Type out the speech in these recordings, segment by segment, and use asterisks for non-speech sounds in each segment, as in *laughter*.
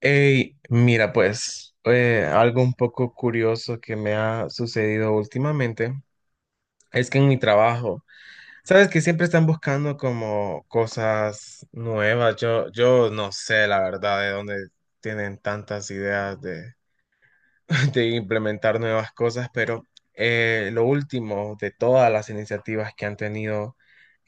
Ey, mira, pues algo un poco curioso que me ha sucedido últimamente es que en mi trabajo, sabes que siempre están buscando como cosas nuevas. Yo no sé la verdad de dónde tienen tantas ideas *laughs* de implementar nuevas cosas, pero lo último de todas las iniciativas que han tenido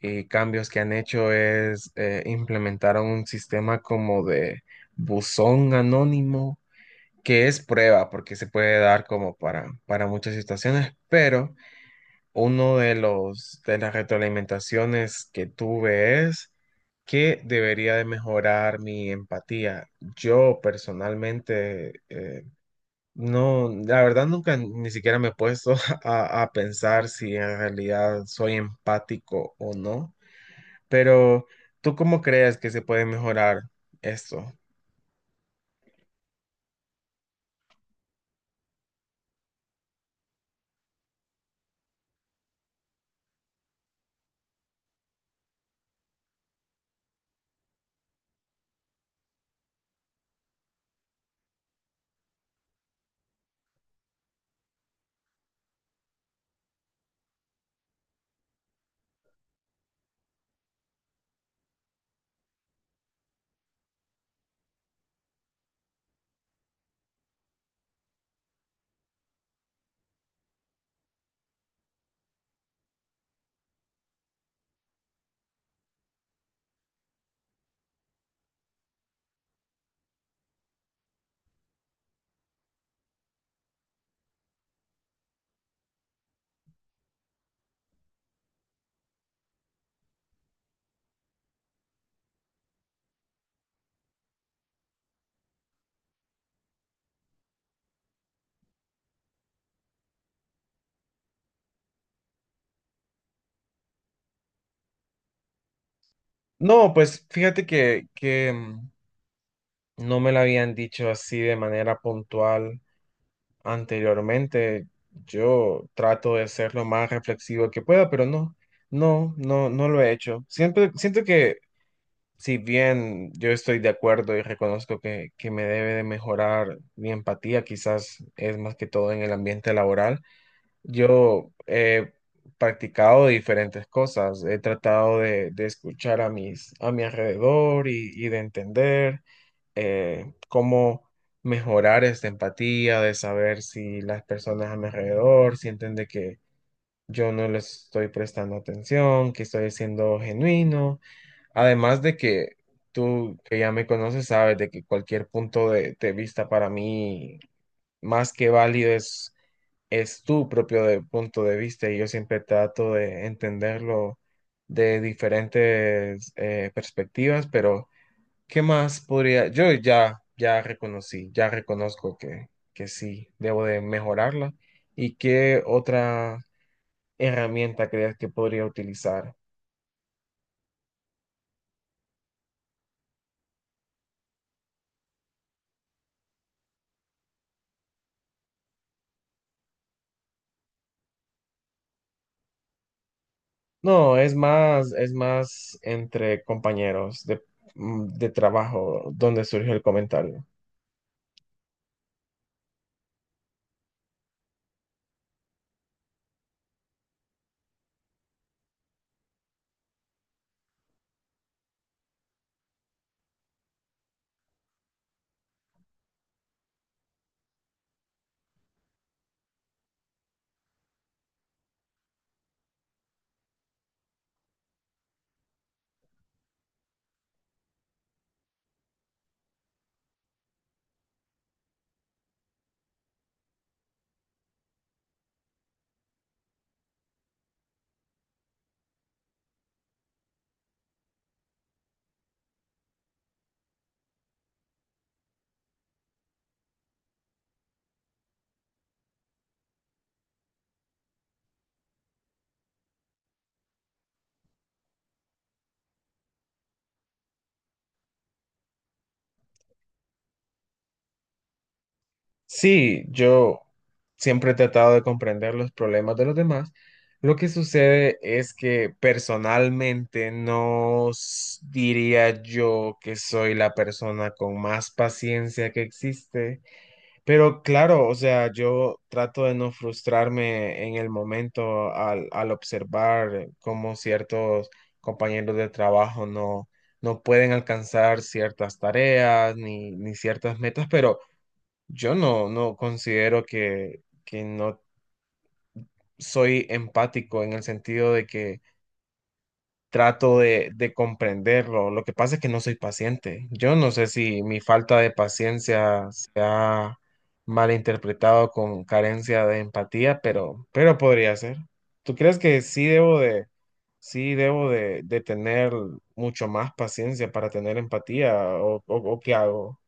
y cambios que han hecho es implementar un sistema como de buzón anónimo que es prueba, porque se puede dar como para muchas situaciones, pero uno de los de las retroalimentaciones que tuve es que debería de mejorar mi empatía. Yo personalmente no, la verdad nunca ni siquiera me he puesto *laughs* a pensar si en realidad soy empático o no, pero ¿tú cómo crees que se puede mejorar esto? No, pues fíjate que, no me lo habían dicho así de manera puntual anteriormente. Yo trato de ser lo más reflexivo que pueda, pero no lo he hecho. Siempre siento que si bien yo estoy de acuerdo y reconozco que me debe de mejorar mi empatía, quizás es más que todo en el ambiente laboral, yo he practicado diferentes cosas. He tratado de escuchar a a mi alrededor y de entender cómo mejorar esta empatía, de saber si las personas a mi alrededor sienten de que yo no les estoy prestando atención, que estoy siendo genuino. Además de que tú que ya me conoces sabes de que cualquier punto de vista para mí más que válido es tu propio punto de vista y yo siempre trato de entenderlo de diferentes perspectivas, pero ¿qué más podría? Ya reconocí, ya reconozco que sí, debo de mejorarla. ¿Y qué otra herramienta crees que podría utilizar? No, es más entre compañeros de trabajo donde surgió el comentario. Sí, yo siempre he tratado de comprender los problemas de los demás. Lo que sucede es que personalmente no diría yo que soy la persona con más paciencia que existe, pero claro, o sea, yo trato de no frustrarme en el momento al observar cómo ciertos compañeros de trabajo no pueden alcanzar ciertas tareas ni ciertas metas, pero... Yo no, no considero que no soy empático en el sentido de que trato de comprenderlo. Lo que pasa es que no soy paciente. Yo no sé si mi falta de paciencia se ha malinterpretado con carencia de empatía, pero podría ser. ¿Tú crees que sí debo de tener mucho más paciencia para tener empatía o qué hago?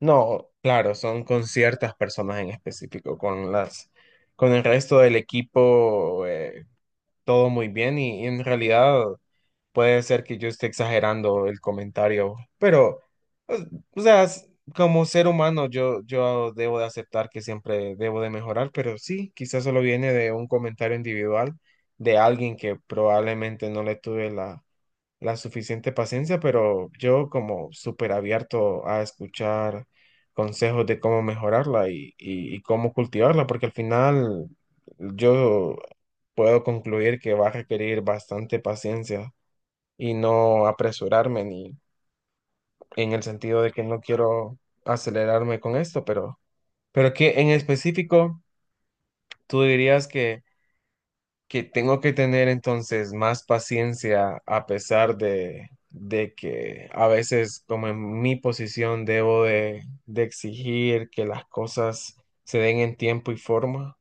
No, claro, son con ciertas personas en específico, con con el resto del equipo, todo muy bien y en realidad puede ser que yo esté exagerando el comentario, pero, o o sea, como ser humano yo debo de aceptar que siempre debo de mejorar, pero sí, quizás solo viene de un comentario individual de alguien que probablemente no le tuve la suficiente paciencia, pero yo como súper abierto a escuchar consejos de cómo mejorarla y cómo cultivarla, porque al final yo puedo concluir que va a requerir bastante paciencia y no apresurarme ni en el sentido de que no quiero acelerarme con esto, pero que en específico tú dirías que tengo que tener entonces más paciencia a pesar de que a veces como en mi posición debo de exigir que las cosas se den en tiempo y forma.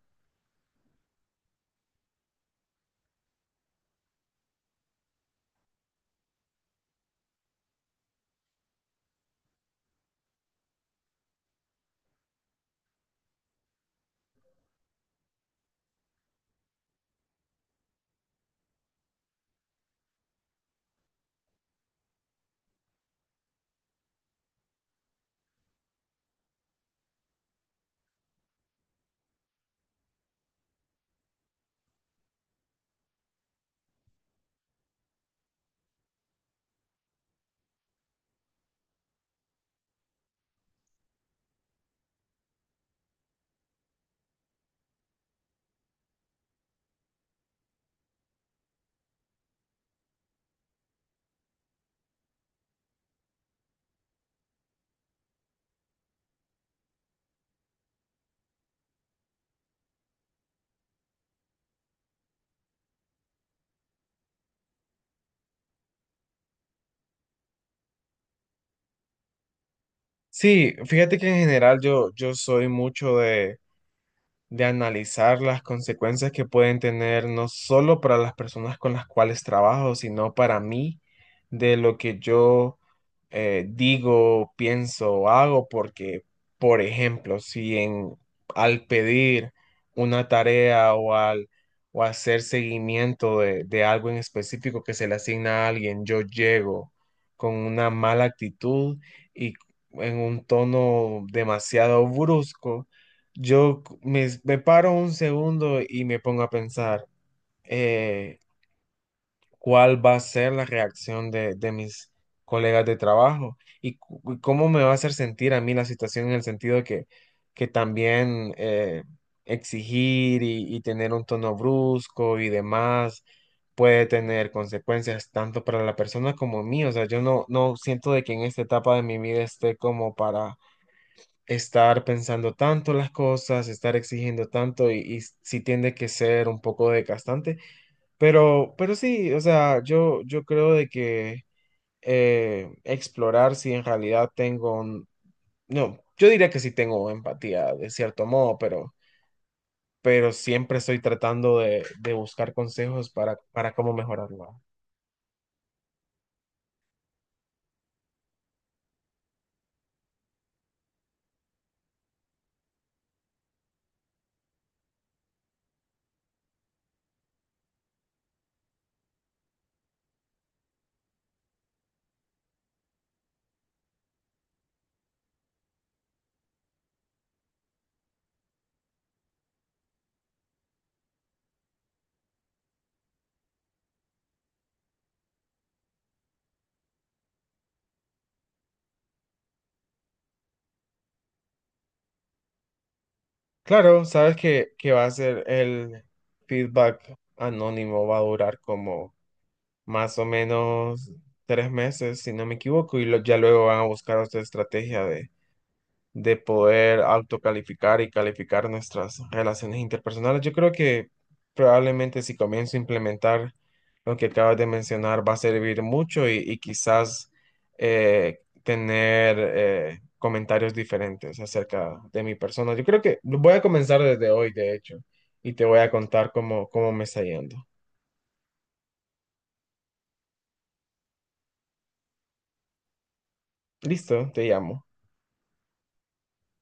Sí, fíjate que en general yo soy mucho de analizar las consecuencias que pueden tener no solo para las personas con las cuales trabajo, sino para mí, de lo que yo digo, pienso o hago, porque, por ejemplo, si en, al pedir una tarea o hacer seguimiento de algo en específico que se le asigna a alguien, yo llego con una mala actitud y en un tono demasiado brusco, me paro un segundo y me pongo a pensar eh, cuál va a ser la reacción de mis colegas de trabajo y, y cómo me va a hacer sentir a mí la situación en el sentido de que también exigir y tener un tono brusco y demás puede tener consecuencias tanto para la persona como mí. O sea, yo no, no siento de que en esta etapa de mi vida esté como para estar pensando tanto las cosas, estar exigiendo tanto y sí tiende que ser un poco desgastante, pero sí, o sea, yo creo de que explorar si en realidad tengo, no, yo diría que sí tengo empatía de cierto modo, pero siempre estoy tratando de buscar consejos para cómo mejorarlo. Claro, sabes que va a ser el feedback anónimo, va a durar como más o menos 3 meses, si no me equivoco, y ya luego van a buscar otra estrategia de poder autocalificar y calificar nuestras relaciones interpersonales. Yo creo que probablemente si comienzo a implementar lo que acabas de mencionar va a servir mucho y quizás tener comentarios diferentes acerca de mi persona. Yo creo que lo voy a comenzar desde hoy, de hecho, y te voy a contar cómo, cómo me está yendo. Listo, te llamo.